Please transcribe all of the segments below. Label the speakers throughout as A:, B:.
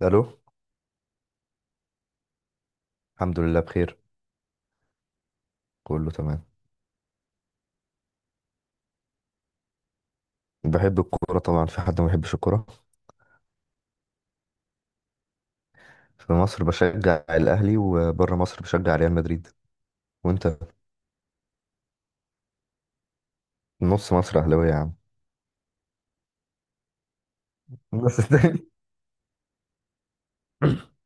A: الو. الحمد لله بخير. كله تمام. بحب الكوره طبعا، في حد ما بيحبش الكوره؟ في مصر بشجع الاهلي وبره مصر بشجع ريال مدريد. وانت؟ نص مصر اهلاويه يا عم. بس تاني.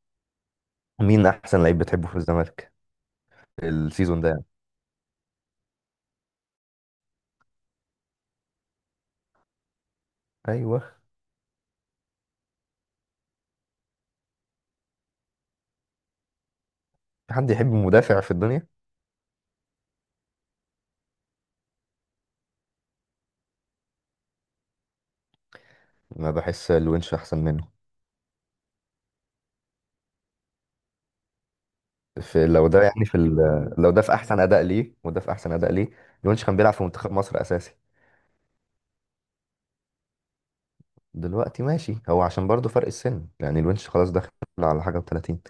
A: مين احسن لعيب بتحبه في الزمالك؟ السيزون ده يعني. ايوه. في حد يحب مدافع في الدنيا؟ ما بحس الونش احسن منه. في لو ده يعني لو ده في احسن اداء ليه وده في احسن اداء ليه. الونش كان بيلعب في منتخب مصر اساسي. دلوقتي ماشي، هو عشان برضه فرق السن، يعني الونش خلاص داخل على حاجه و30.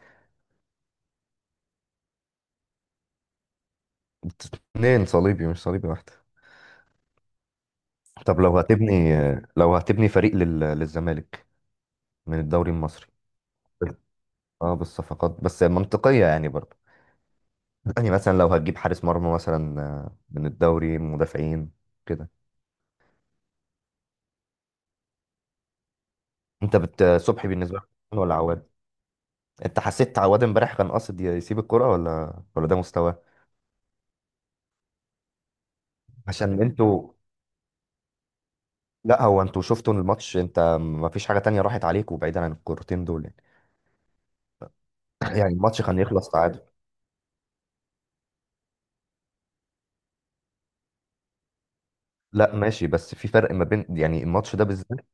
A: اتنين صليبي مش صليبي واحدة. طب لو هتبني فريق للزمالك، من الدوري المصري. اه، بالصفقات بس منطقية يعني برضه. يعني مثلا لو هتجيب حارس مرمى مثلا، من الدوري، مدافعين كده. انت صبحي بالنسبة لك ولا عواد؟ انت حسيت عواد امبارح كان قاصد يسيب الكرة، ولا ده مستواه؟ عشان انتوا. لا، هو انتوا شفتوا الماتش، انت ما فيش حاجة تانية راحت عليكم بعيدا عن الكورتين دول يعني. يعني الماتش كان يخلص تعادل. لا ماشي، بس في فرق ما بين، يعني الماتش ده بالذات.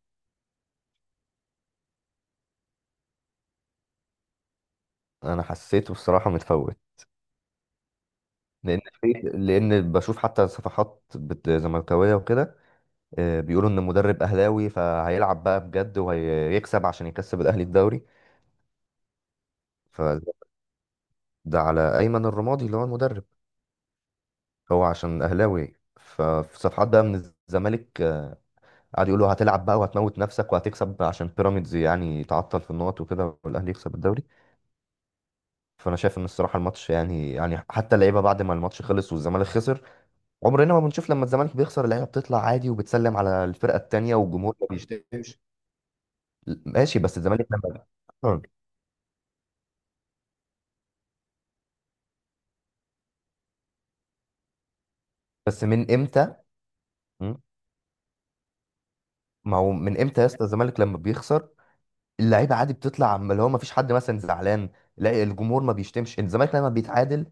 A: انا حسيته الصراحه متفوت. لان في، لان بشوف حتى صفحات زملكاويه وكده، بيقولوا ان المدرب اهلاوي، فهيلعب بقى بجد وهيكسب عشان يكسب الاهلي الدوري. فده على ايمن الرمادي اللي هو المدرب. هو عشان اهلاوي، ففي صفحات بقى من الزمالك قعدوا يقولوا هتلعب بقى وهتموت نفسك وهتكسب عشان بيراميدز يعني تعطل في النقط وكده والاهلي يكسب الدوري. فانا شايف ان الصراحه الماتش، يعني حتى اللعيبه بعد ما الماتش خلص والزمالك خسر، عمرنا ما بنشوف لما الزمالك بيخسر اللعيبه بتطلع عادي وبتسلم على الفرقه التانيه والجمهور ما بيشتكي. ماشي بس الزمالك لما. آه. بس من امتى؟ م؟ ما هو من امتى يا اسطى الزمالك لما بيخسر اللعيبه عادي بتطلع اللي هو ما فيش حد مثلا زعلان؟ لا، الجمهور ما بيشتمش الزمالك لما بيتعادل.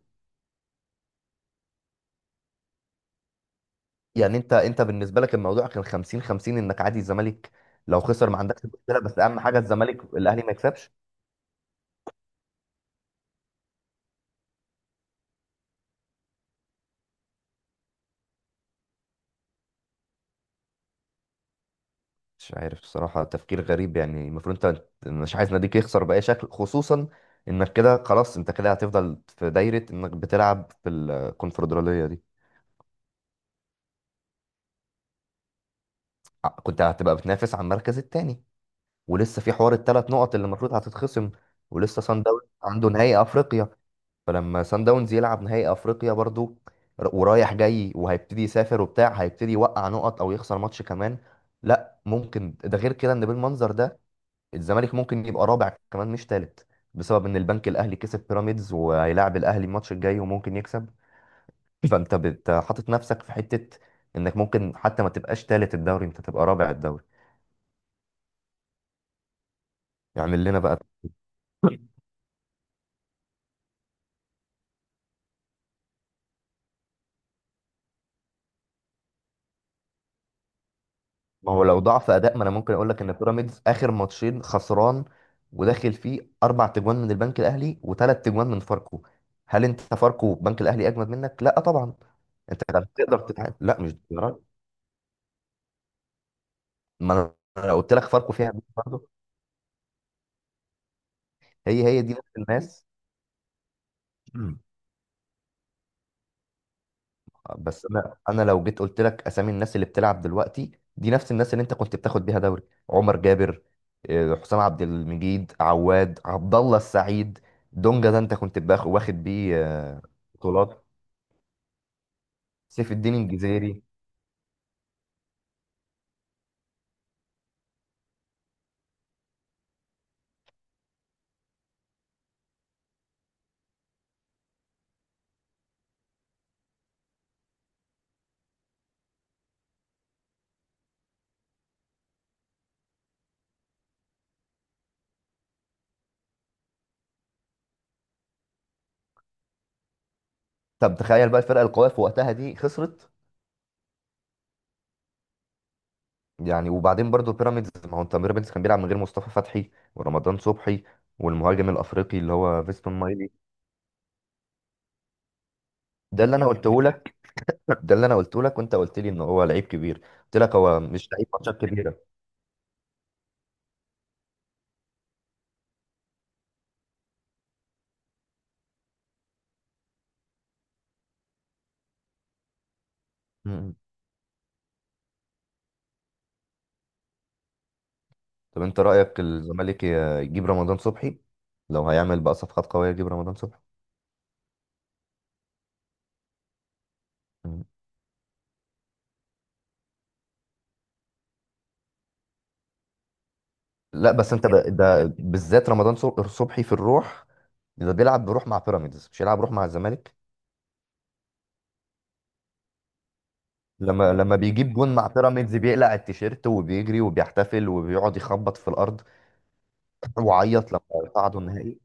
A: يعني انت بالنسبه لك الموضوع كان 50 50، انك عادي الزمالك لو خسر ما عندكش مشكله، بس اهم حاجه الزمالك الاهلي ما يكسبش. مش عارف بصراحة، تفكير غريب يعني، المفروض انت مش عايز ناديك يخسر بأي شكل، خصوصا انك كده خلاص انت كده هتفضل في دايرة انك بتلعب في الكونفدرالية دي. كنت هتبقى بتنافس على المركز التاني، ولسه في حوار الثلاث نقط اللي المفروض هتتخصم. ولسه سان داونز عنده نهائي افريقيا، فلما سان داونز يلعب نهائي افريقيا برضو، ورايح جاي وهيبتدي يسافر وبتاع، هيبتدي يوقع نقط او يخسر ماتش كمان. لا ممكن ده غير كده، ان بالمنظر ده الزمالك ممكن يبقى رابع كمان مش تالت، بسبب ان البنك الاهلي كسب بيراميدز وهيلاعب الاهلي الماتش الجاي وممكن يكسب. فانت حاطط نفسك في حته انك ممكن حتى ما تبقاش تالت الدوري، انت تبقى رابع الدوري. يعمل لنا بقى. ما هو لو ضعف اداء، ما انا ممكن اقول لك ان بيراميدز اخر ماتشين خسران، وداخل فيه اربع تجوان من البنك الاهلي وثلاث تجوان من فاركو. هل انت فاركو بنك الاهلي اجمد منك؟ لا طبعا. انت كان تقدر تتعامل، لا مش درجة. ما انا قلت لك فاركو فيها برضه. هي هي دي، نفس الناس. بس انا لو جيت قلت لك اسامي الناس اللي بتلعب دلوقتي، دي نفس الناس اللي انت كنت بتاخد بيها دوري. عمر جابر، حسام عبد المجيد، عواد، عبد الله السعيد، دونجا ده انت كنت واخد بيه بطولات. سيف الدين الجزيري. طب تخيل بقى الفرقه القويه في وقتها دي خسرت. يعني وبعدين برضو بيراميدز، ما هو انت بيراميدز كان بيلعب من غير مصطفى فتحي ورمضان صبحي والمهاجم الافريقي اللي هو فيستون مايلي. ده اللي انا قلته، ده اللي انا قلته لك وانت قلت لي ان هو لعيب كبير، قلت لك هو مش لعيب ماتشات كبيره. مم. طب انت رايك الزمالك يجيب رمضان صبحي، لو هيعمل بقى صفقات قويه يجيب رمضان صبحي؟ مم. لا بس انت بقى ده بالذات رمضان صبحي في الروح، ده بيلعب بروح مع بيراميدز مش يلعب روح مع الزمالك. لما بيجيب جون مع بيراميدز بيقلع التيشيرت وبيجري وبيحتفل وبيقعد يخبط في الارض. وعيط لما صعدوا النهائي.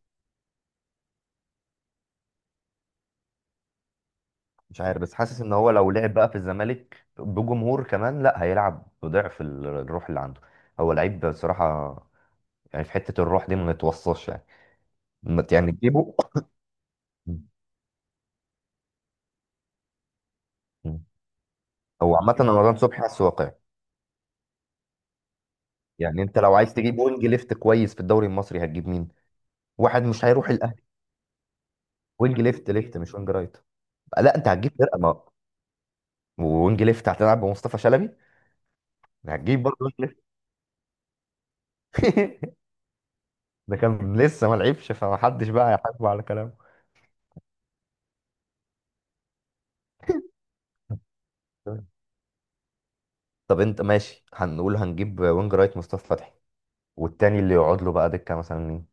A: مش عارف بس حاسس ان هو لو لعب بقى في الزمالك بجمهور كمان، لا هيلعب بضعف الروح اللي عنده. هو لعيب بصراحة، يعني في حتة الروح دي ما يتوصاش يعني. ما يعني تجيبه. هو عامة أنا رمضان صبحي حاسه واقعي. يعني انت لو عايز تجيب وينج ليفت كويس في الدوري المصري هتجيب مين؟ واحد مش هيروح الاهلي. وينج ليفت مش وينج رايت. لا انت هتجيب فرقة، ما وينج ليفت هتلعب بمصطفى شلبي، هتجيب برضه وينج ليفت. ده كان لسه ما لعبش فمحدش بقى هيحاسبه على كلامه. طب انت ماشي، هنقول هنجيب وينج رايت مصطفى فتحي، والتاني اللي يقعد له بقى دكه مثلا مين؟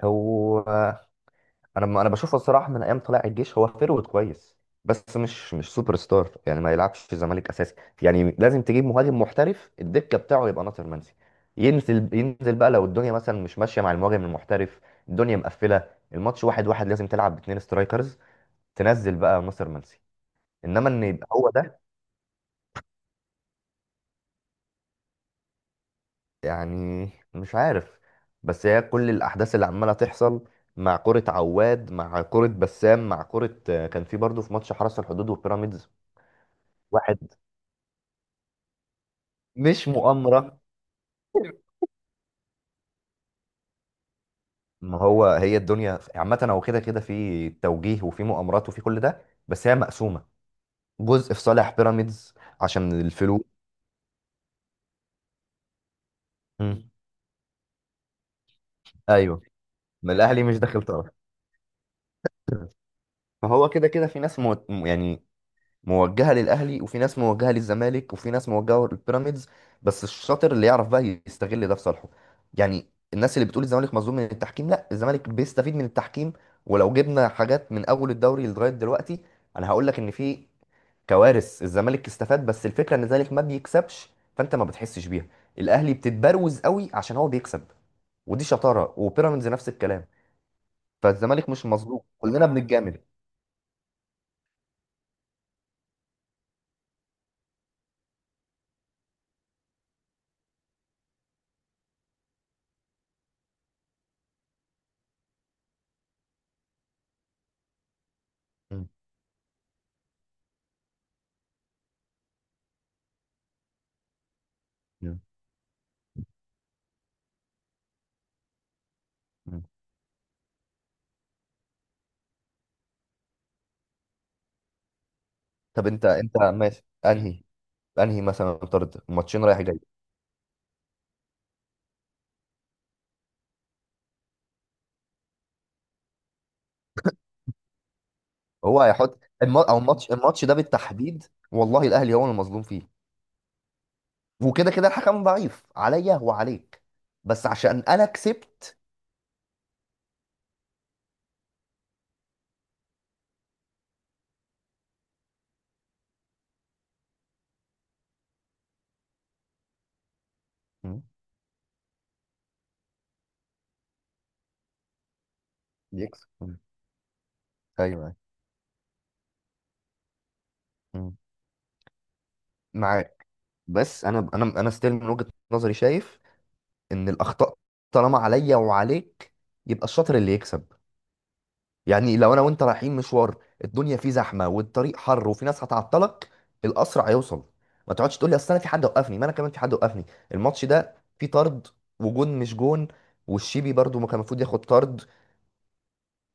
A: هو انا بشوفه الصراحه من ايام طلائع الجيش، هو فيرود كويس بس مش سوبر ستار، يعني ما يلعبش في الزمالك اساسي. يعني لازم تجيب مهاجم محترف، الدكه بتاعه يبقى ناصر منسي، ينزل ينزل بقى لو الدنيا مثلا مش ماشيه مع المهاجم المحترف، الدنيا مقفله، الماتش واحد واحد، لازم تلعب باتنين سترايكرز، تنزل بقى ناصر منسي. انما ان يبقى هو ده، يعني مش عارف. بس هي كل الأحداث اللي عمالة تحصل، مع كرة عواد، مع كرة بسام، مع كرة، كان في برضه في ماتش حرس الحدود وبيراميدز. واحد. مش مؤامرة، ما هو هي الدنيا عامة هو كده كده في توجيه وفي مؤامرات وفي كل ده، بس هي مقسومة، جزء في صالح بيراميدز عشان الفلوس. مم. ايوه، ما الأهلي مش داخل طرف. فهو كده كده في ناس يعني موجهه للاهلي وفي ناس موجهه للزمالك وفي ناس موجهه للبيراميدز، بس الشاطر اللي يعرف بقى يستغل ده في صالحه. يعني الناس اللي بتقول الزمالك مظلوم من التحكيم، لا الزمالك بيستفيد من التحكيم. ولو جبنا حاجات من اول الدوري لغايه دلوقتي انا هقول لك ان في كوارث الزمالك استفاد، بس الفكره ان الزمالك ما بيكسبش فانت ما بتحسش بيها. الاهلي بتتبروز قوي عشان هو بيكسب، ودي شطاره، وبيراميدز نفس الكلام. فالزمالك مش مظلوم، كلنا بنتجامل. م. م. م. طب انت ماشي، انهي، انهي مثلا طرد ماتشين رايح جاي؟ هو هيحط او الماتش ده بالتحديد والله الاهلي هو المظلوم فيه، وكده كده الحكم ضعيف عليا وعليك، بس عشان انا كسبت. مم. يكسب. مم. ايوه أيوة. مم. معاك. بس انا ستيل من وجهة نظري شايف ان الاخطاء طالما عليا وعليك يبقى الشاطر اللي يكسب. يعني لو انا وانت رايحين مشوار، الدنيا فيه زحمه والطريق حر وفي ناس هتعطلك، الاسرع هيوصل. ما تقعدش تقول لي اصل انا في حد وقفني، ما انا كمان في حد وقفني. الماتش ده فيه طرد، وجون مش جون، والشيبي برضو ما كان المفروض ياخد طرد.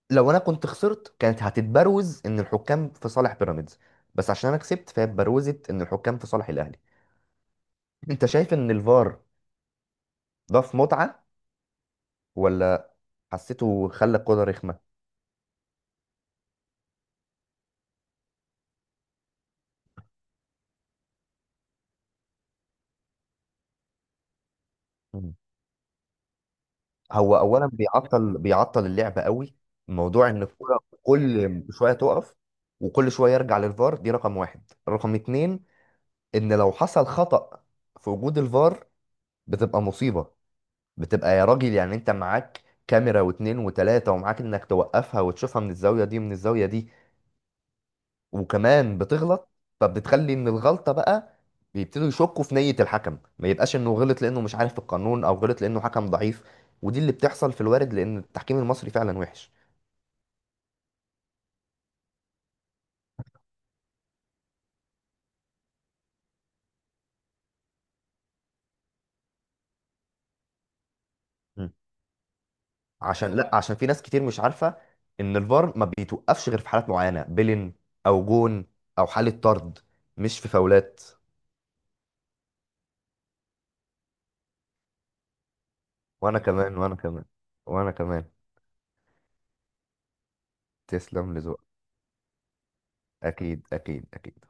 A: لو انا كنت خسرت كانت هتتبروز ان الحكام في صالح بيراميدز، بس عشان انا كسبت فهي اتبروزت ان الحكام في صالح الاهلي. انت شايف ان الفار ضاف متعه ولا حسيته خلى الكوره رخمه؟ هو اولا بيعطل اللعبه قوي، موضوع ان الكوره كل شويه تقف وكل شويه يرجع للفار دي رقم واحد. رقم اتنين، ان لو حصل خطأ في وجود الفار بتبقى مصيبه، بتبقى يا راجل، يعني انت معاك كاميرا واتنين وتلاته ومعاك انك توقفها وتشوفها من الزاويه دي ومن الزاويه دي، وكمان بتغلط. فبتخلي ان الغلطه بقى بيبتدوا يشكوا في نيه الحكم، ما يبقاش انه غلط لانه مش عارف القانون او غلط لانه حكم ضعيف، ودي اللي بتحصل في الوارد لان التحكيم المصري فعلا وحش. مم. عشان، لا عشان في ناس كتير مش عارفه ان الفار ما بيتوقفش غير في حالات معينه، بيلين او جون او حاله طرد، مش في فاولات. وانا كمان وانا كمان وانا كمان. تسلم لذوقك. اكيد اكيد اكيد.